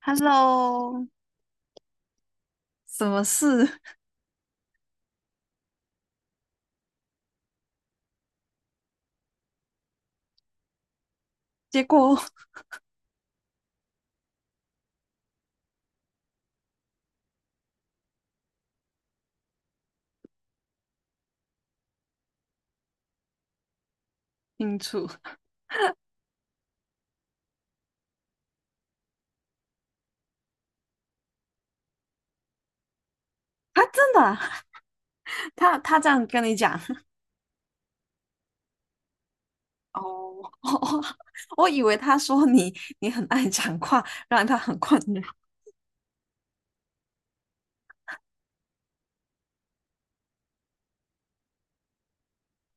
Hello，什么事？结果。清楚。啊？真的啊？他这样跟你讲。哦，哦，我以为他说你很爱讲话，让他很困扰。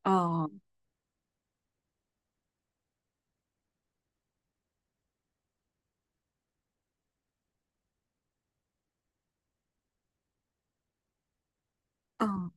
哦。嗯。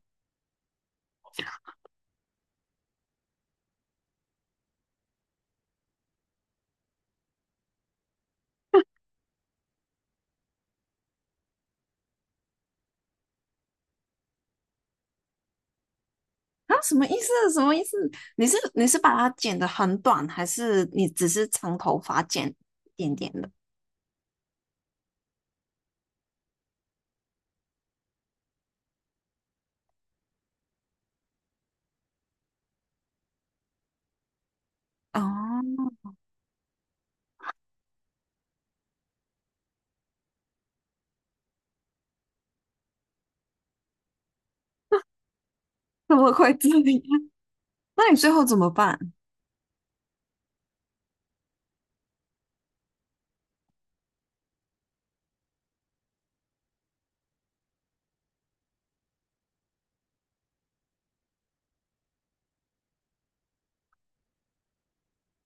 啊，什么意思？什么意思？你是把它剪得很短，还是你只是长头发剪一点点的？哦。 怎么会这样？那你最后怎么办？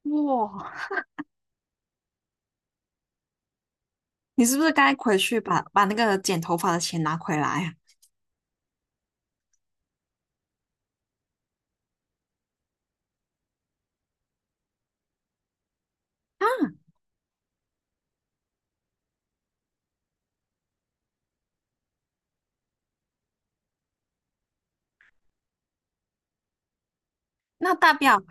哇，你是不是该回去把那个剪头发的钱拿回来啊？啊，那大表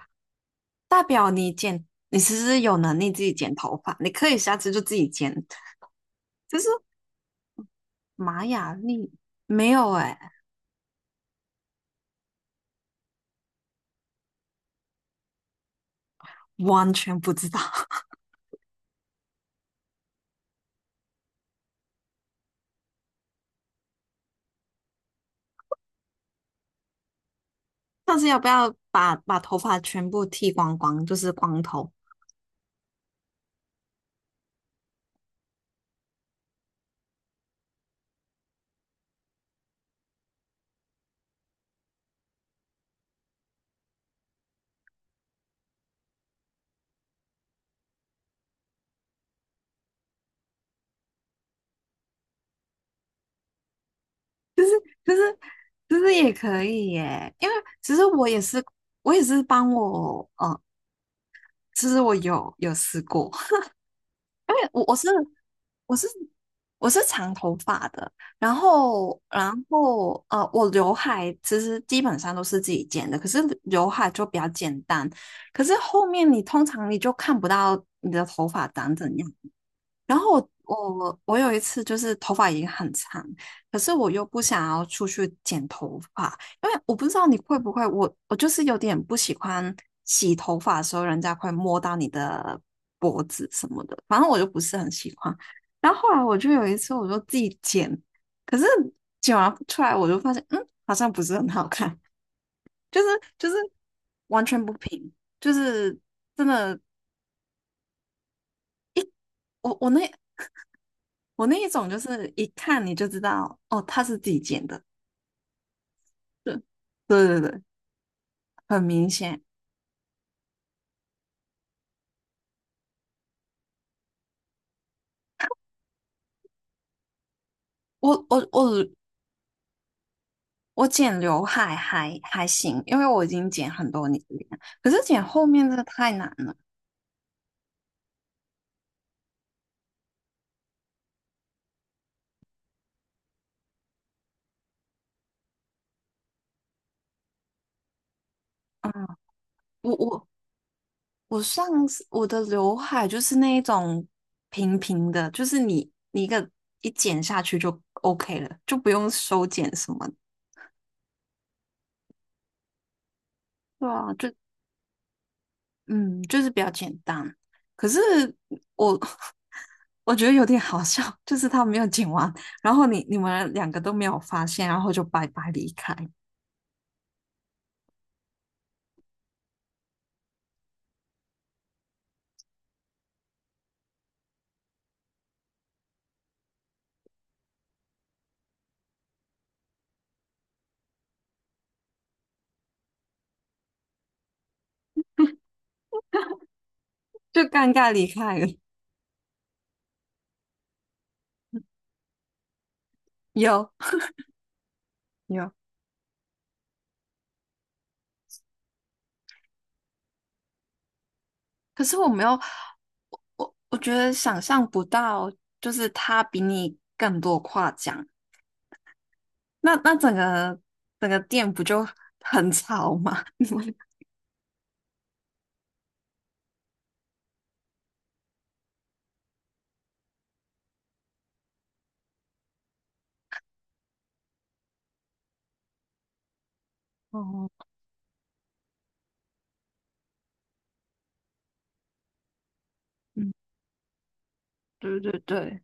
大表你剪，你其实有能力自己剪头发，你可以下次就自己剪。就是玛雅历。没有哎，完全不知道。但是要不要把头发全部剃光光，就是光头。就是就是也可以耶，因为其实我也是帮我，其实我有试过，因为我是我是长头发的。然后，我刘海其实基本上都是自己剪的，可是刘海就比较简单。可是后面你通常你就看不到你的头发长怎样。然后我有一次就是头发已经很长，可是我又不想要出去剪头发，因为我不知道你会不会，我就是有点不喜欢洗头发的时候人家会摸到你的脖子什么的，反正我就不是很喜欢。然后后来我就有一次我就自己剪，可是剪完出来我就发现，好像不是很好看，就是就是完全不平，就是真的。我我那我那一种就是一看你就知道，哦，他是自己剪的。对，对对对，很明显。我我我我剪刘海还行，因为我已经剪很多年了，可是剪后面这个太难了。我我我上次我的刘海就是那一种平平的，就是你一剪下去就 OK 了，就不用修剪什么的。对啊，就嗯，就是比较简单。可是我 我觉得有点好笑，就是他没有剪完，然后你们两个都没有发现，然后就拜拜离开，就尴尬离开了。有。有，可是我没有，我觉得想象不到，就是他比你更多夸奖，那整个店不就很吵吗？你们。哦。嗯。对对对。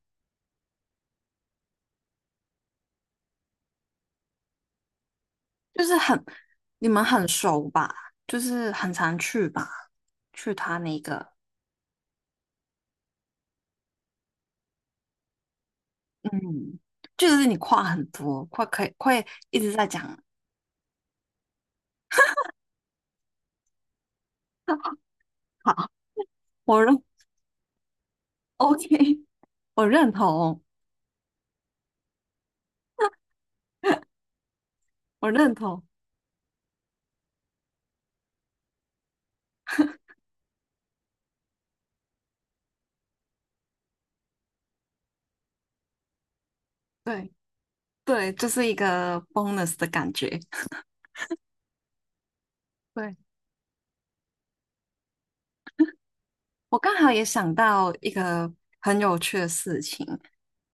就是很，你们很熟吧？就是很常去吧？去他那个。嗯，就是你话很多，快可以会一直在讲。好，我认，OK，我认同。我认同。对对，就是一个 bonus 的感觉。对，我刚好也想到一个很有趣的事情。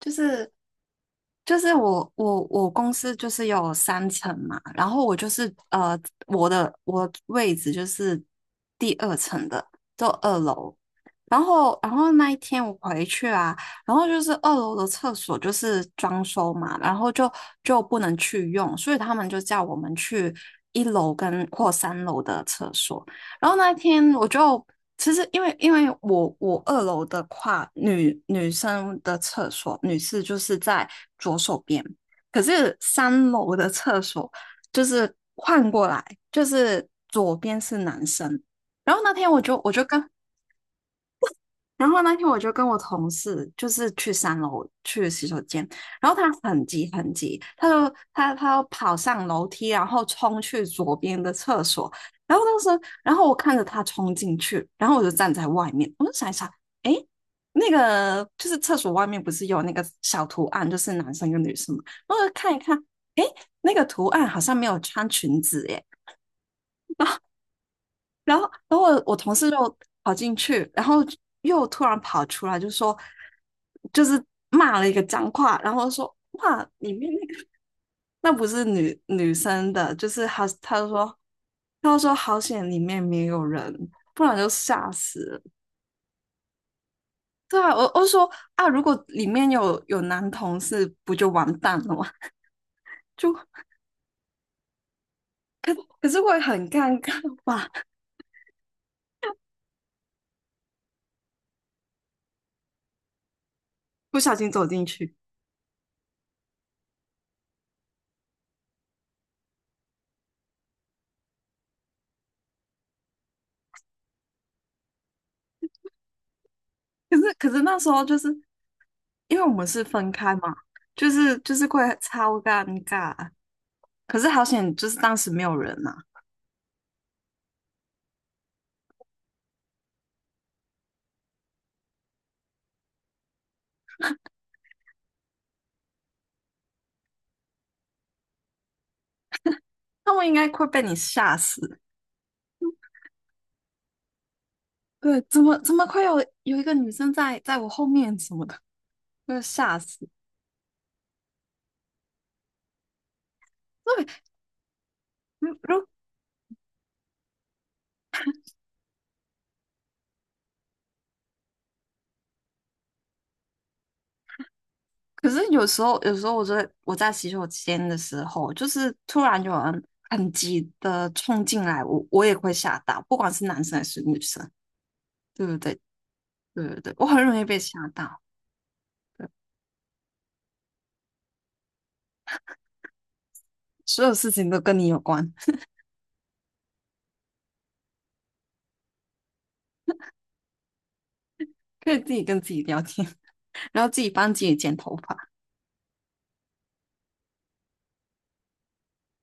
就是就是我公司就是有3层嘛，然后我就是我的位置就是第2层的，就二楼。然后那一天我回去啊，然后就是二楼的厕所就是装修嘛，然后就不能去用，所以他们就叫我们去一楼跟或三楼的厕所。然后那天我就其实因为我二楼的话，女生的厕所女士就是在左手边，可是三楼的厕所就是换过来，就是左边是男生。然后那天我就我就跟然后那天我就跟我同事就是去三楼去洗手间。然后他很急很急，他就他跑上楼梯，然后冲去左边的厕所。然后当时候然后我看着他冲进去，然后我就站在外面，我就想一想，哎，那个就是厕所外面不是有那个小图案，就是男生跟女生嘛，我就看一看，哎，那个图案好像没有穿裙子耶。然后，然后我同事就跑进去，然后又突然跑出来，就说，就是骂了一个脏话，然后说，哇，里面那个那不是女生的。就是他，他就说好险里面没有人，不然就吓死了。对啊，我说啊，如果里面有男同事，不就完蛋了吗？就可是会很尴尬吧。不小心走进去。可是那时候就是因为我们是分开嘛，就是会超尴尬。可是好险，就是当时没有人呐。啊，那我应该会被你吓死。对。怎么会有一个女生在我后面什么的，会吓死。对。如如可是有时候我在洗手间的时候，就是突然有人很急的冲进来，我也会吓到，不管是男生还是女生，对不对？对对对，我很容易被吓到。对，所有事情都跟你有关。可以自己跟自己聊天，然后自己帮自己剪头发。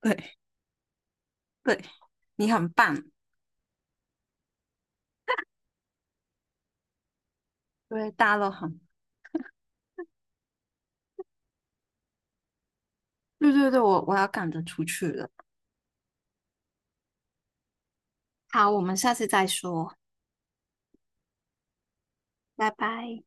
对对，你很棒。对，大家都很。对对对，我要赶着出去了。好，我们下次再说，拜拜。